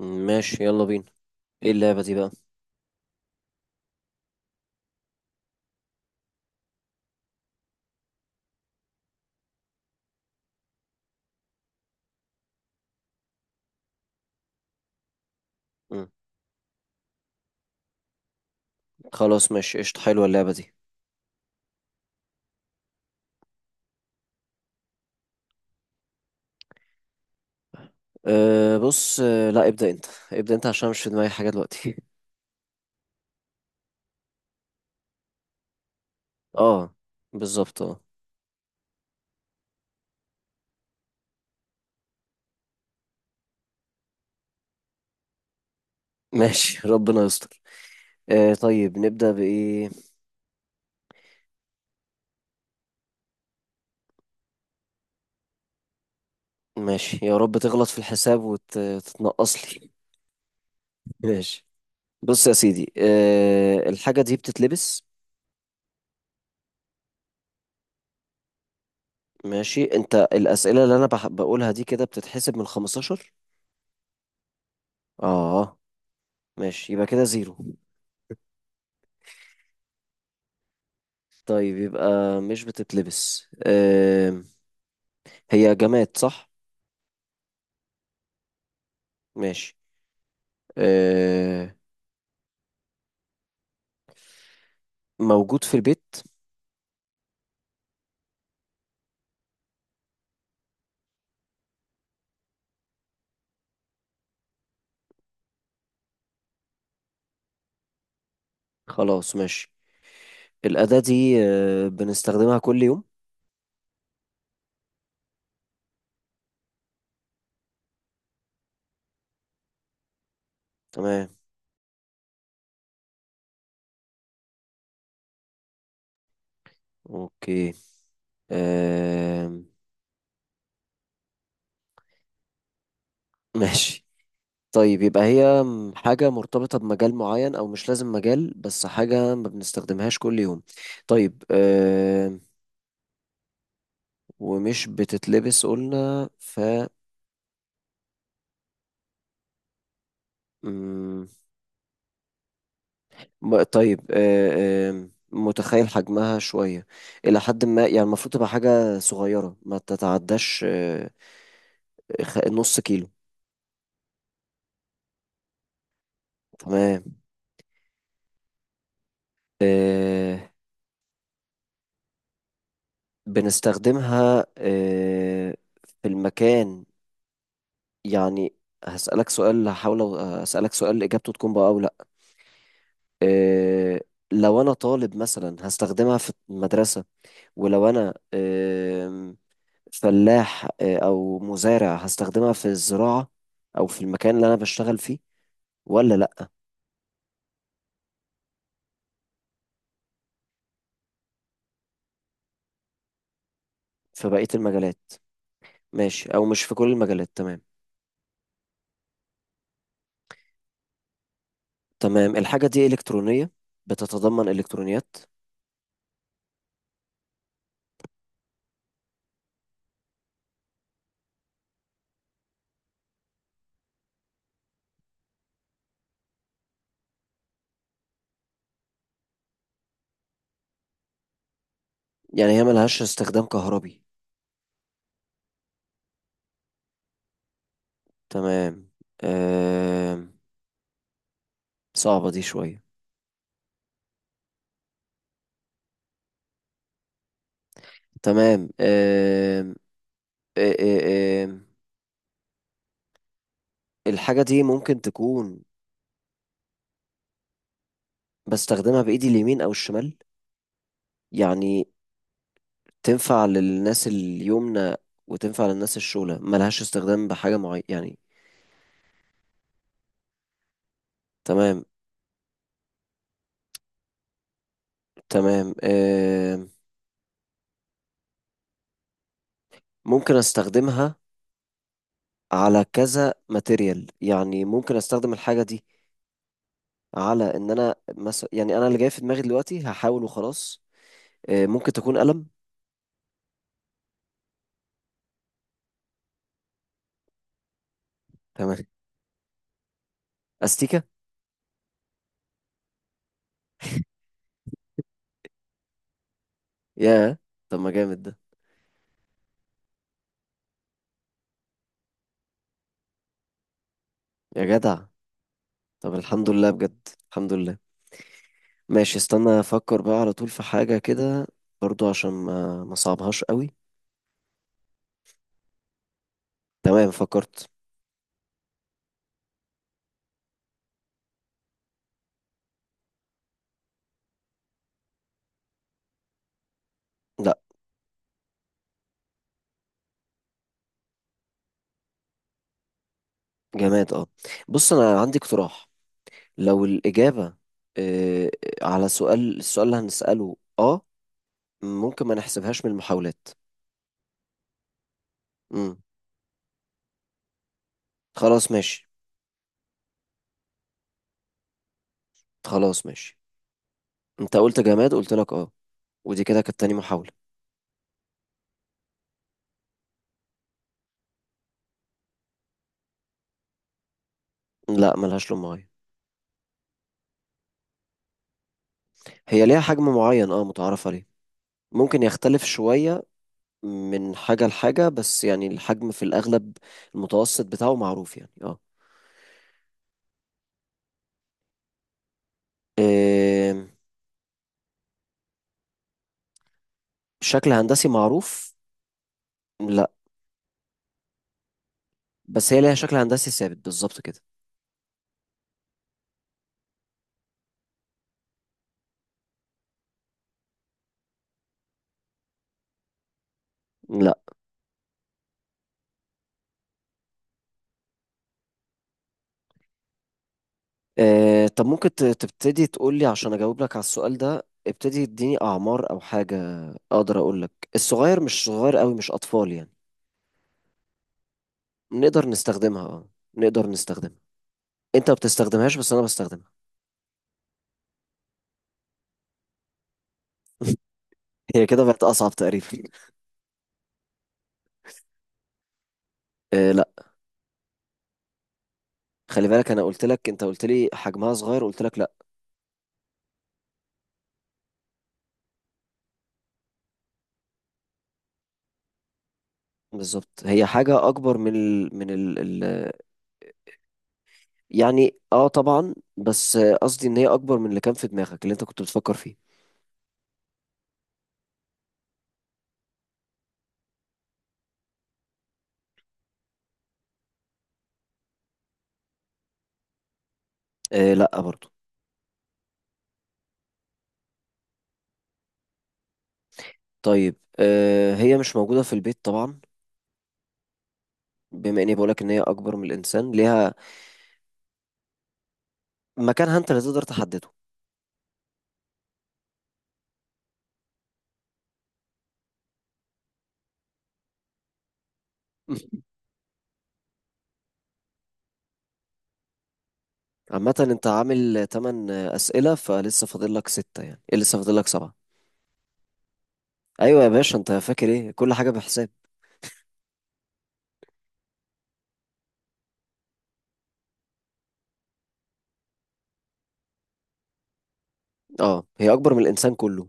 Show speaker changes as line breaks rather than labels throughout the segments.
ماشي يلا بينا. ايه اللعبة دي بقى؟ مم. خلاص ماشي قشطة، حلوة اللعبة دي. بص، لا ابدأ انت. ابدأ انت عشان مش في دماغي حاجة دلوقتي. اه بالظبط اه. ماشي ربنا يستر. طيب نبدأ بإيه؟ ماشي، يا رب تغلط في الحساب وتتنقص لي. ماشي. بص يا سيدي، الحاجة دي بتتلبس؟ ماشي، انت الأسئلة اللي انا بقولها دي كده بتتحسب من 15؟ اه ماشي، يبقى كده زيرو. طيب يبقى مش بتتلبس. هي جماد صح؟ ماشي. آم، موجود في البيت؟ خلاص ماشي، الأداة دي بنستخدمها كل يوم؟ تمام. أوكي. آم، ماشي. طيب يبقى هي حاجة مرتبطة بمجال معين، أو مش لازم مجال بس حاجة ما بنستخدمهاش كل يوم. طيب ومش بتتلبس قلنا، ف طيب آه، آم، متخيل حجمها شوية، إلى حد ما يعني، المفروض تبقى حاجة صغيرة ما تتعداش نص كيلو. تمام. آه، بنستخدمها في المكان يعني. هسألك سؤال، هحاول أسألك سؤال إجابته تكون بقى أو لأ. آه، لو أنا طالب مثلا هستخدمها في المدرسة، ولو أنا فلاح او مزارع هستخدمها في الزراعة، او في المكان اللي انا بشتغل فيه، ولا لا؟ في بقية المجالات؟ ماشي، او مش في كل المجالات. تمام. تمام، الحاجة دي إلكترونية؟ بتتضمن إلكترونيات؟ يعني هي ملهاش استخدام كهربي. تمام آم، صعبة دي شوية. تمام آم، آ- آ- آم، الحاجة دي ممكن تكون بستخدمها بإيدي اليمين أو الشمال يعني؟ تنفع للناس اليمنى وتنفع للناس الشولة، ملهاش استخدام بحاجة معينة يعني؟ تمام. تمام ممكن استخدمها على كذا ماتيريال يعني؟ ممكن استخدم الحاجة دي على ان انا مثلا، يعني انا اللي جاي في دماغي دلوقتي هحاول وخلاص. ممكن تكون قلم؟ تمام. استيكة؟ يا طب ما جامد ده! يا جدع طب الحمد لله، بجد الحمد لله. ماشي، استنى افكر بقى على طول في حاجة كده، برضو عشان ما صعبهاش قوي. تمام فكرت. لا. جماد اه. بص انا عندي اقتراح، لو الاجابه آه على السؤال اللي هنساله اه، ممكن ما نحسبهاش من المحاولات. امم، خلاص ماشي. خلاص ماشي. انت قلت جماد، قلت لك اه، ودي كده كانت تاني محاوله. لا ملهاش لون معين. هي ليها حجم معين اه متعارف عليه. ممكن يختلف شويه من حاجه لحاجه، بس يعني الحجم في الاغلب المتوسط بتاعه معروف يعني اه. آم، شكل هندسي معروف؟ لا بس هي ليها شكل هندسي ثابت بالظبط كده. لا طب ممكن تبتدي تقول لي، عشان اجاوب لك على السؤال ده ابتدي اديني اعمار او حاجه، اقدر اقول لك الصغير مش صغير قوي، مش اطفال يعني. نقدر نستخدمها اه، نقدر نستخدمها. انت ما بتستخدمهاش بس انا بستخدمها. هي كده بقت اصعب تقريبا. لا. خلي بالك انا قلت لك، انت قلت لي حجمها صغير قلت لك لا. بالظبط، هي حاجه اكبر من ال يعني اه طبعا، بس قصدي ان هي اكبر من اللي كان في دماغك اللي انت كنت بتفكر فيه. لا برضو. طيب هي مش موجودة في البيت طبعا. بما اني بقولك ان هي اكبر من الانسان، ليها مكانها انت اللي تقدر تحدده. عامة انت عامل 8 اسئلة، فلسه فاضل لك 6 يعني، لسه فاضل لك 7. ايوه يا باشا، انت فاكر ايه كل حاجة بحساب. اه هي اكبر من الانسان كله.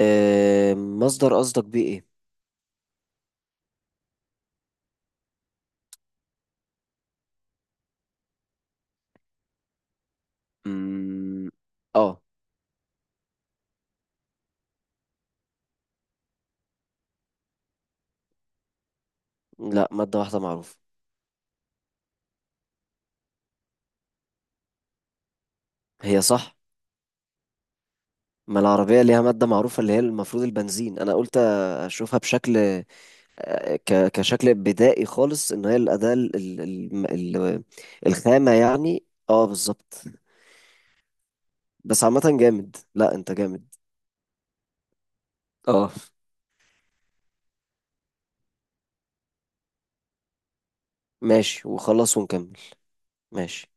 مصدر، قصدك بيه ايه؟ مم، اه. لا مادة واحدة معروفة. هي صح؟ ما العربية ليها مادة معروفة اللي هي المفروض البنزين، انا قلت اشوفها بشكل كشكل بدائي خالص، ان هي الاداه الخامه يعني. اه بالظبط. بس عامه جامد، لا انت جامد. اه ماشي، وخلاص ونكمل. ماشي.